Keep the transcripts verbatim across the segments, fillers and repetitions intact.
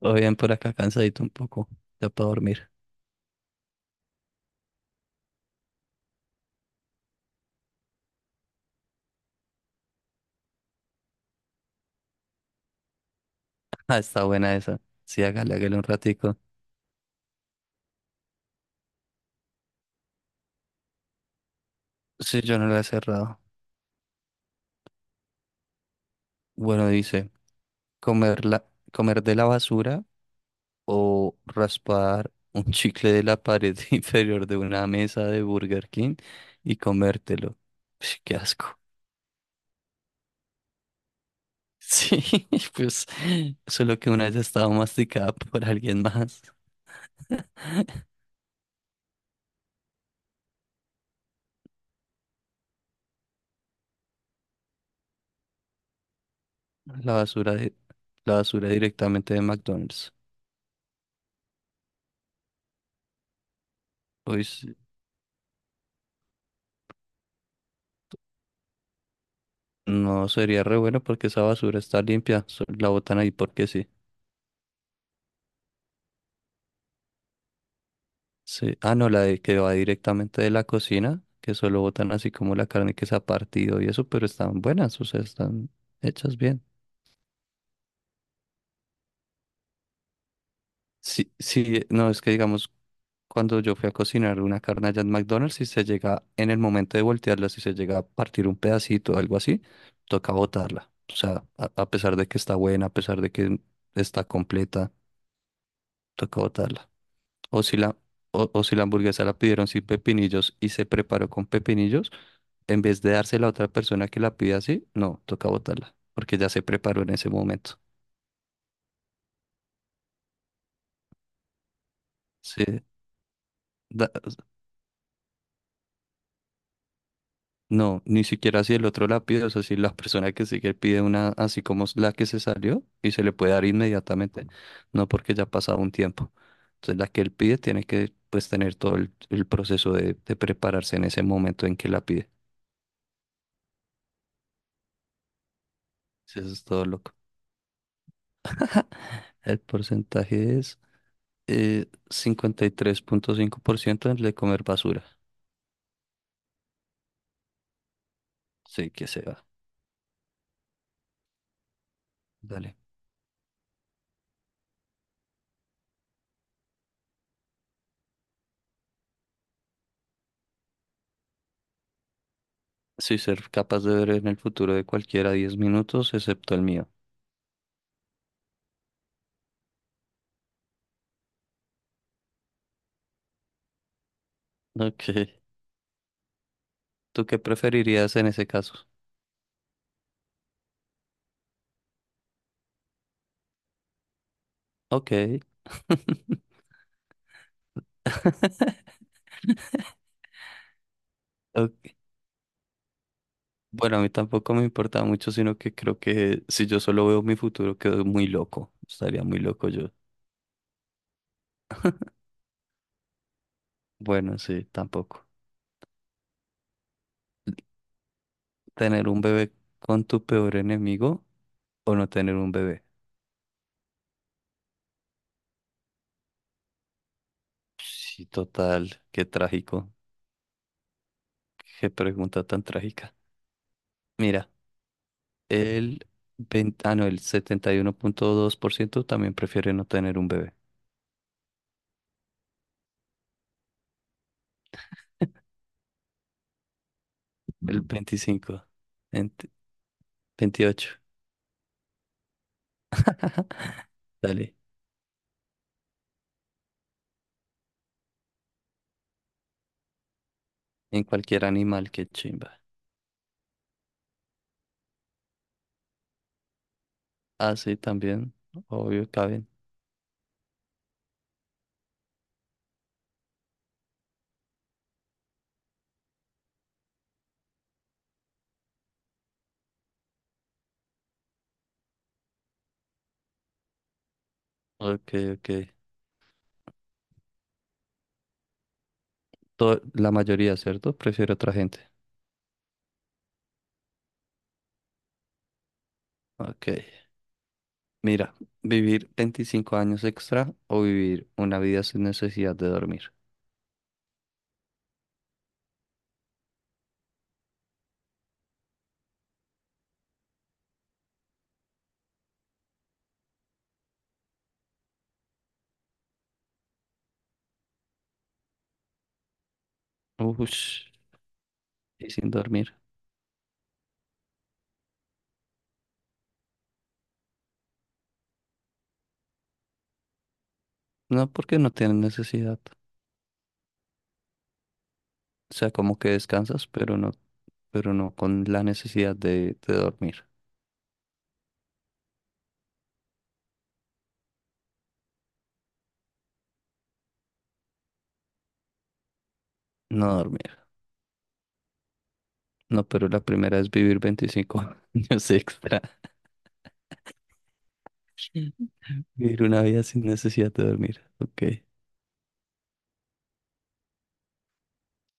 Todo bien por acá, cansadito un poco. Ya puedo dormir. Ah, está buena esa. Sí, hágale, hágale un ratico. Sí, yo no la he cerrado. Bueno, dice, comer la, comer de la basura o raspar un chicle de la pared inferior de una mesa de Burger King y comértelo. Ush, qué asco. Sí, pues solo que una vez estaba masticada por alguien más. La basura, de- la basura directamente de McDonald's. Uy, sí. No sería re bueno porque esa basura está limpia. so- La botan ahí porque sí. Sí. Ah, no, la de que va directamente de la cocina, que solo botan así como la carne que se ha partido y eso, pero están buenas, o sea, están hechas bien. Sí, sí, no, es que digamos, cuando yo fui a cocinar una carne allá en McDonald's, si se llega en el momento de voltearla, si se llega a partir un pedacito o algo así, toca botarla. O sea, a, a pesar de que está buena, a pesar de que está completa, toca botarla. O si la, o, o si la hamburguesa la pidieron sin pepinillos y se preparó con pepinillos, en vez de dársela a otra persona que la pida así, no, toca botarla, porque ya se preparó en ese momento. Sí, da- no, ni siquiera si el otro la pide, o sea, si la persona que sigue pide una así como es la que se salió y se le puede dar inmediatamente, no porque ya ha pasado un tiempo. Entonces la que él pide tiene que pues tener todo el, el proceso de, de prepararse en ese momento en que la pide. Sí. Eso es todo loco. El porcentaje es... Eh, cincuenta y tres punto cinco por ciento de comer basura. Sí, que se va. Dale. Sí, ser capaz de ver en el futuro de cualquiera diez minutos, excepto el mío. Ok. ¿Tú qué preferirías en ese caso? Ok. Ok. Bueno, a mí tampoco me importa mucho, sino que creo que si yo solo veo mi futuro, quedo muy loco. Estaría muy loco yo. Bueno, sí, tampoco. ¿Tener un bebé con tu peor enemigo o no tener un bebé? Sí, total. Qué trágico. Qué pregunta tan trágica. Mira, el veinte ah, no, el setenta y uno punto dos por ciento también prefiere no tener un bebé. El Mm. veinticinco, ent- veintiocho, dale. En cualquier animal, que chimba. Ah, sí, también, obvio, caben. Ok, ok. To- la mayoría, ¿cierto? Prefiere otra gente. Ok. Mira, vivir veinticinco años extra o vivir una vida sin necesidad de dormir. Ush, y sin dormir. No, porque no tienen necesidad. O sea, como que descansas, pero no pero no con la necesidad de, de dormir. No dormir. No, pero la primera es vivir veinticinco años extra. Vivir una vida sin necesidad de dormir. Ok.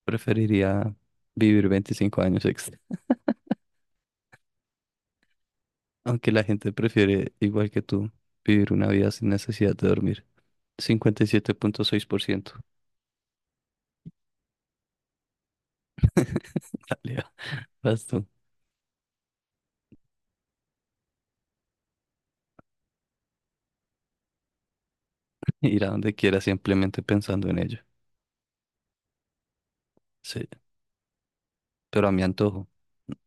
Preferiría vivir veinticinco años extra. Aunque la gente prefiere, igual que tú, vivir una vida sin necesidad de dormir. cincuenta y siete punto seis por ciento. Dale, va. Vas tú. Ir a donde quieras simplemente pensando en ello. Sí, pero a mi antojo.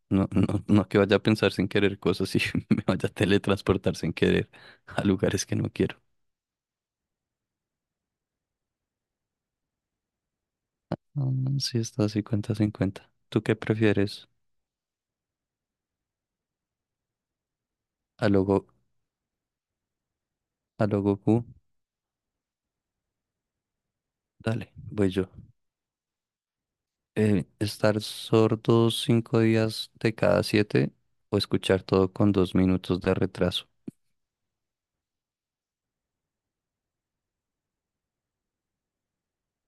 No, no, no que vaya a pensar sin querer cosas y me vaya a teletransportar sin querer a lugares que no quiero. Mm, sí, está cincuenta a cincuenta. ¿Tú qué prefieres? ¿A logo, a lo Goku? Dale, voy yo. Eh, ¿estar sordo cinco días de cada siete o escuchar todo con dos minutos de retraso?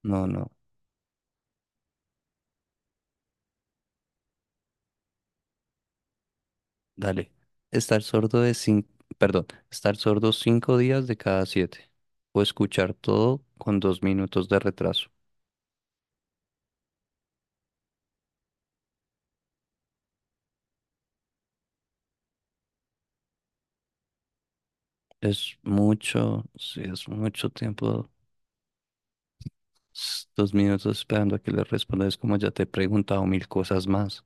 No, no, dale. Estar sordo de cinco, perdón, estar sordo cinco días de cada siete o escuchar todo con dos minutos de retraso. Es mucho, sí, es mucho tiempo, s- dos minutos esperando a que le responda. Es como ya te he preguntado mil cosas más.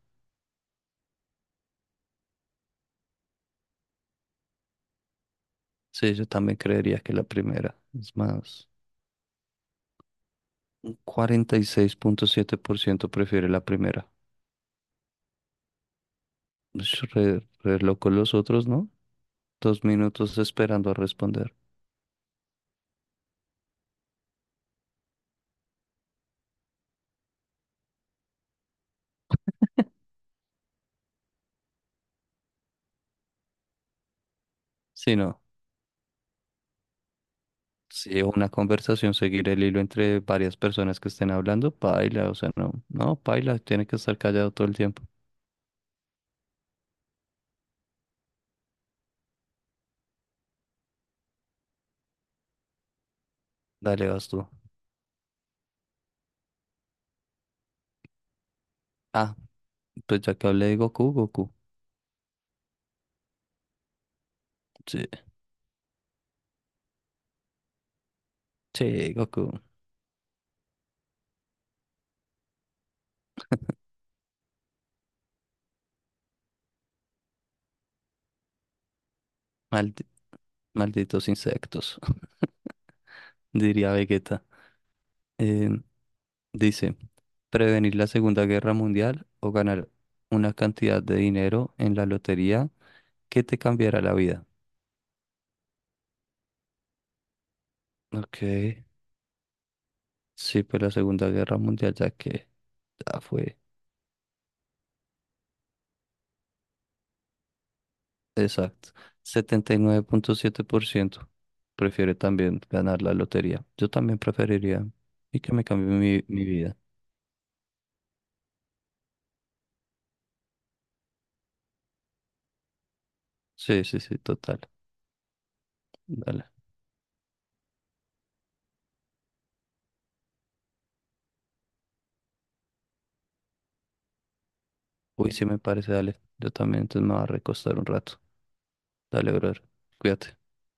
Sí, yo también creería que la primera. Es más, cuarenta y seis punto siete por ciento prefiere la primera. Ush, Re, re loco los otros, ¿no? Dos minutos esperando a responder. Si no, si una conversación, seguir el hilo entre varias personas que estén hablando, paila, o sea, no, no, paila, tiene que estar callado todo el tiempo. Dale, vas tú. Ah, pues ya que hablé de Goku, Goku. Sí, sí, Goku. Maldi- Malditos insectos, diría Vegeta. Eh, Dice, prevenir la Segunda Guerra Mundial o ganar una cantidad de dinero en la lotería que te cambiará la vida. Ok, sí, pues la Segunda Guerra Mundial ya que ya fue. Exacto. Setenta y nueve punto siete por ciento prefiere también ganar la lotería. Yo también preferiría y que me cambie mi, mi vida. Sí, sí, sí, total. Dale. Uy, sí me parece, dale. Yo también, entonces me voy a recostar un rato. Dale, brother. Cuídate.